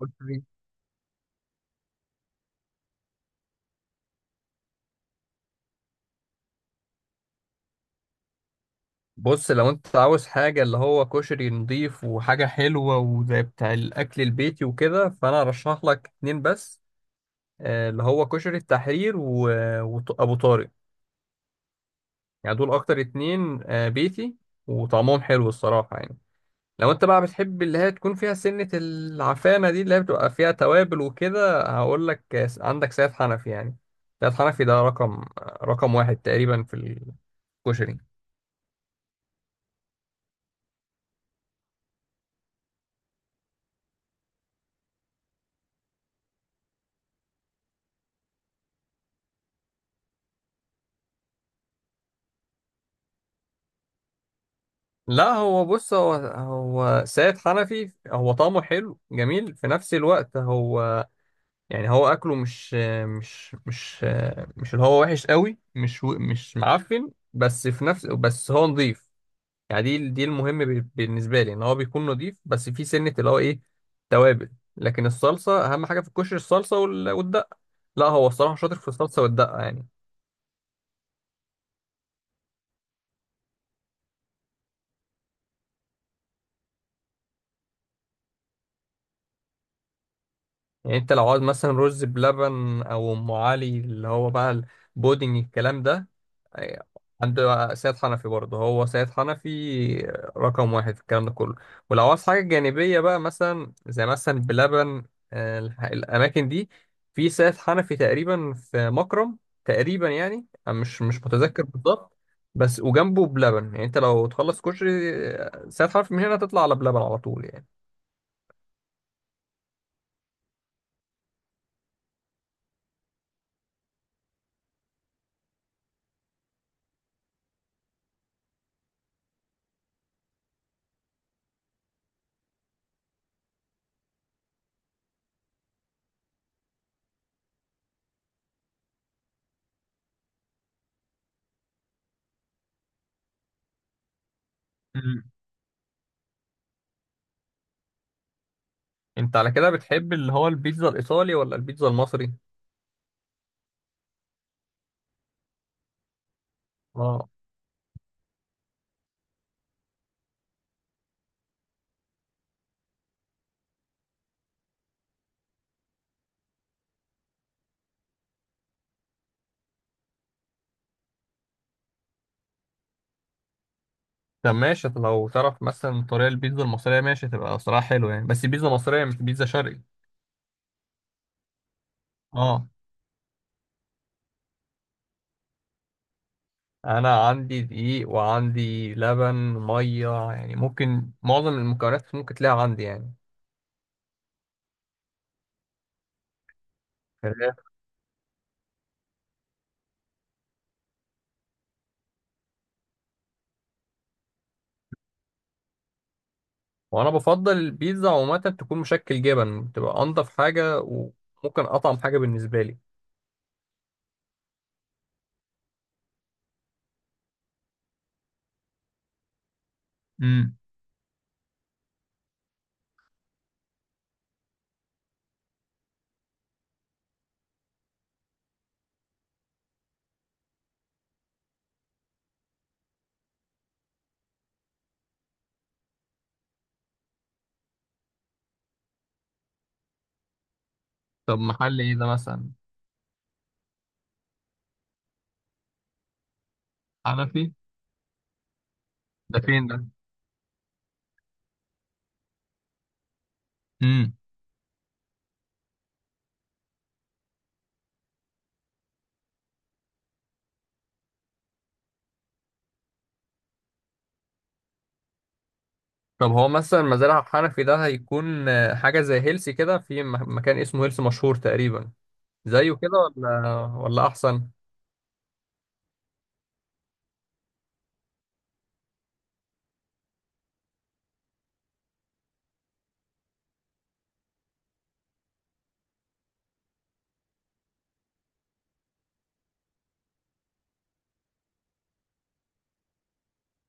كشري. بص، لو انت عاوز حاجة اللي هو كشري نضيف وحاجة حلوة وزي بتاع الأكل البيتي وكده، فأنا أرشح لك اتنين بس. اللي هو كشري التحرير وأبو طارق. يعني دول أكتر اتنين، بيتي، وطعمهم حلو الصراحة يعني. لو انت بقى بتحب اللي هي تكون فيها سنة العفانة دي، اللي هي بتبقى فيها توابل وكده، هقول لك عندك سيد حنفي يعني. سيد حنفي ده رقم واحد تقريبا في الكشري. لا، هو بص، هو هو سيد حنفي، هو طعمه حلو جميل في نفس الوقت. هو يعني هو اكله مش مش مش اللي هو وحش قوي، مش مش معفن، بس في نفس، بس هو نظيف. يعني دي المهم بالنسبه لي ان هو بيكون نظيف، بس في سنه اللي هو ايه، توابل. لكن الصلصه اهم حاجه في الكشري، الصلصه والدقه. لا، هو الصراحه شاطر في الصلصه والدقه يعني. يعني انت لو عاوز مثلا رز بلبن او ام علي اللي هو بقى البودنج الكلام ده، أيوة. عند سيد حنفي برضه. هو سيد حنفي رقم واحد في الكلام ده كله. ولو عاوز حاجة جانبية بقى، مثلا زي مثلا بلبن، الأماكن دي في سيد حنفي تقريبا في مكرم تقريبا يعني. أنا مش متذكر بالظبط، بس وجنبه بلبن. يعني انت لو تخلص كشري، سيد حنفي من هنا تطلع على بلبن على طول يعني. مم. انت على كده بتحب اللي هو البيتزا الإيطالي ولا البيتزا المصري؟ اه. طب ماشي، طب لو تعرف مثلا طريقة البيتزا المصرية ماشي، تبقى صراحة حلوة يعني، بس بيتزا مصرية مش بيتزا شرقي. اه. انا عندي دقيق وعندي لبن مية، يعني ممكن معظم المكونات ممكن تلاقيها عندي يعني. فراخ. وانا بفضل البيتزا عموما تكون مشكل جبن، تبقى انضف حاجة وممكن اطعم حاجة بالنسبة لي. امم. طب محل ايه ده مثلا؟ حنفي؟ ده فين ده؟ امم. طب هو مثلا مزارع حنفي ده هيكون حاجة زي هيلسي كده، في مكان اسمه هيلسي مشهور تقريبا. زيه كده ولا احسن؟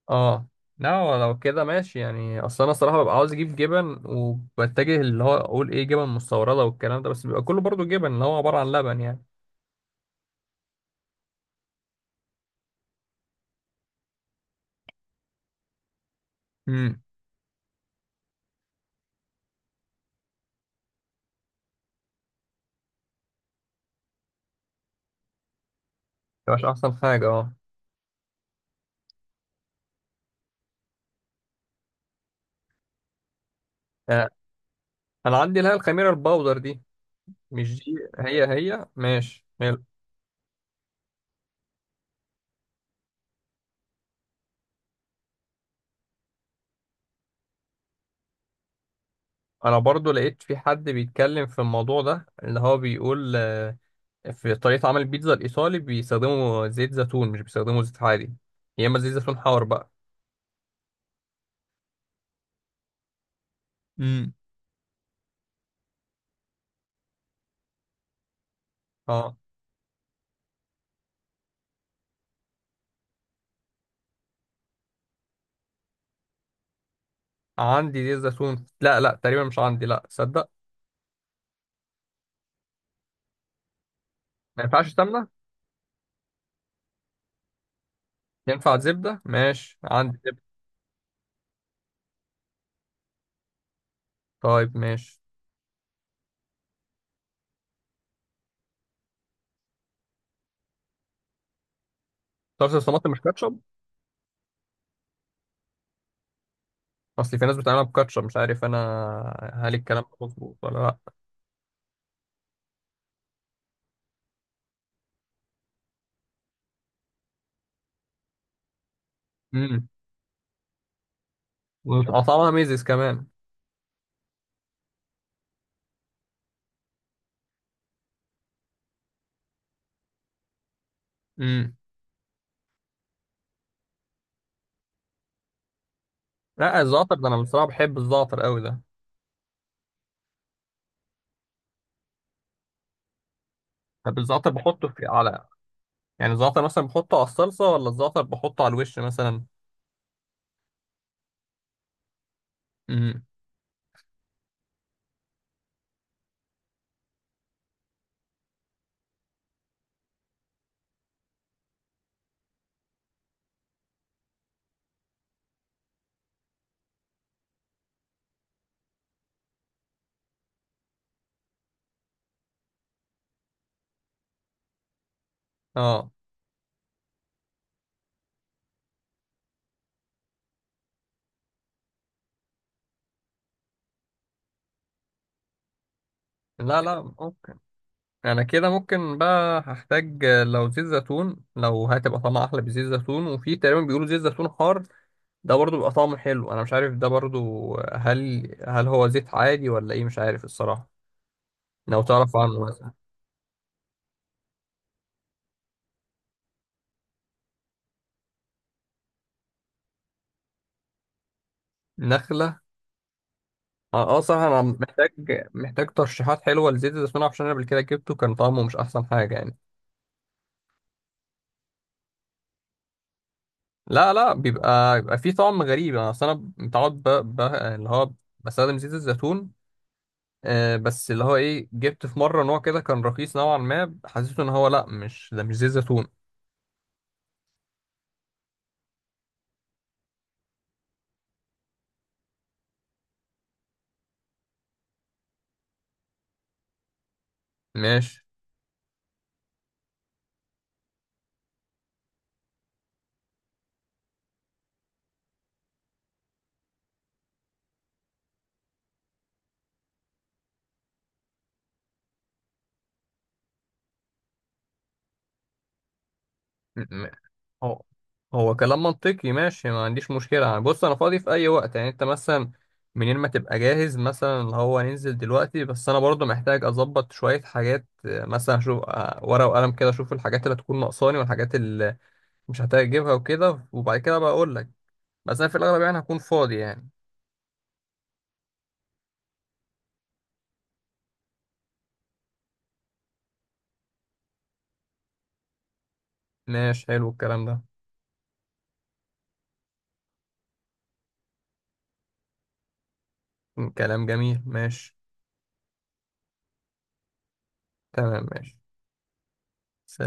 اه. لا، هو لو كده ماشي يعني. اصل انا الصراحه ببقى عاوز اجيب جبن، وبتجه اللي هو اقول ايه، جبن مستورده والكلام ده، بس بيبقى كله برضو جبن اللي هو عباره عن لبن يعني. امم. مش احسن حاجه اه. آه، انا عندي اللي هي الخميره الباودر دي، مش دي. هي هي، ماشي حلو. انا برضو لقيت في حد بيتكلم في الموضوع ده اللي هو بيقول في طريقه عمل البيتزا الايطالي بيستخدموا زيت زيتون، مش بيستخدموا زيت عادي، يا اما زيت زيتون حار بقى. امم. اه. عندي زيت زيتون، لا لا، تقريبا مش عندي، لا صدق. ما ينفعش سمنه؟ ينفع زبده؟ ماشي عندي زبده. طيب ماشي. صلصه الطماطم مش كاتشب؟ اصل في ناس بتعملها بكاتشب، مش عارف انا، هل الكلام ده مظبوط ولا لا؟ امم. وطعمها ميزز كمان. امم. لا، الزعتر ده انا بصراحه بحب الزعتر قوي ده. طب الزعتر بحطه في، على، يعني الزعتر مثلا بحطه على الصلصه ولا الزعتر بحطه على الوش مثلا؟ امم. اه. لا لا. انا كده ممكن بقى هحتاج لو زيت زيتون، لو هتبقى طعمها احلى بزيت زيتون. وفي تقريبا بيقولوا زيت زيتون حار، ده برضو بيبقى طعمه حلو. انا مش عارف ده برضو، هل هو زيت عادي ولا ايه، مش عارف الصراحة. لو تعرف عنه مثلا. نخلة. اه. صح، انا محتاج، محتاج ترشيحات حلوة لزيت الزيتون، عشان انا قبل كده جبته كان طعمه مش احسن حاجة يعني. لا لا، بيبقى فيه طعم غريب. انا اصل انا متعود، اللي هو بستخدم زيت الزيتون. آه، بس اللي هو ايه، جبت في مرة نوع كده كان رخيص نوعا ما، حسيته ان هو لا مش ده، مش زيت زيتون. ماشي. م- م- هو، هو كلام منطقي ماشي، ما عنديش مشكلة يعني. بص انا فاضي في اي وقت يعني. انت مثلا منين ما تبقى جاهز مثلا، اللي هو ننزل دلوقتي، بس انا برضو محتاج اظبط شوية حاجات، مثلا اشوف ورقة وقلم كده، اشوف الحاجات اللي هتكون ناقصاني والحاجات اللي مش هحتاج اجيبها وكده، وبعد كده بقى اقول لك. بس انا في الاغلب يعني هكون فاضي يعني. ماشي حلو الكلام ده. كلام جميل ماشي. تمام ماشي.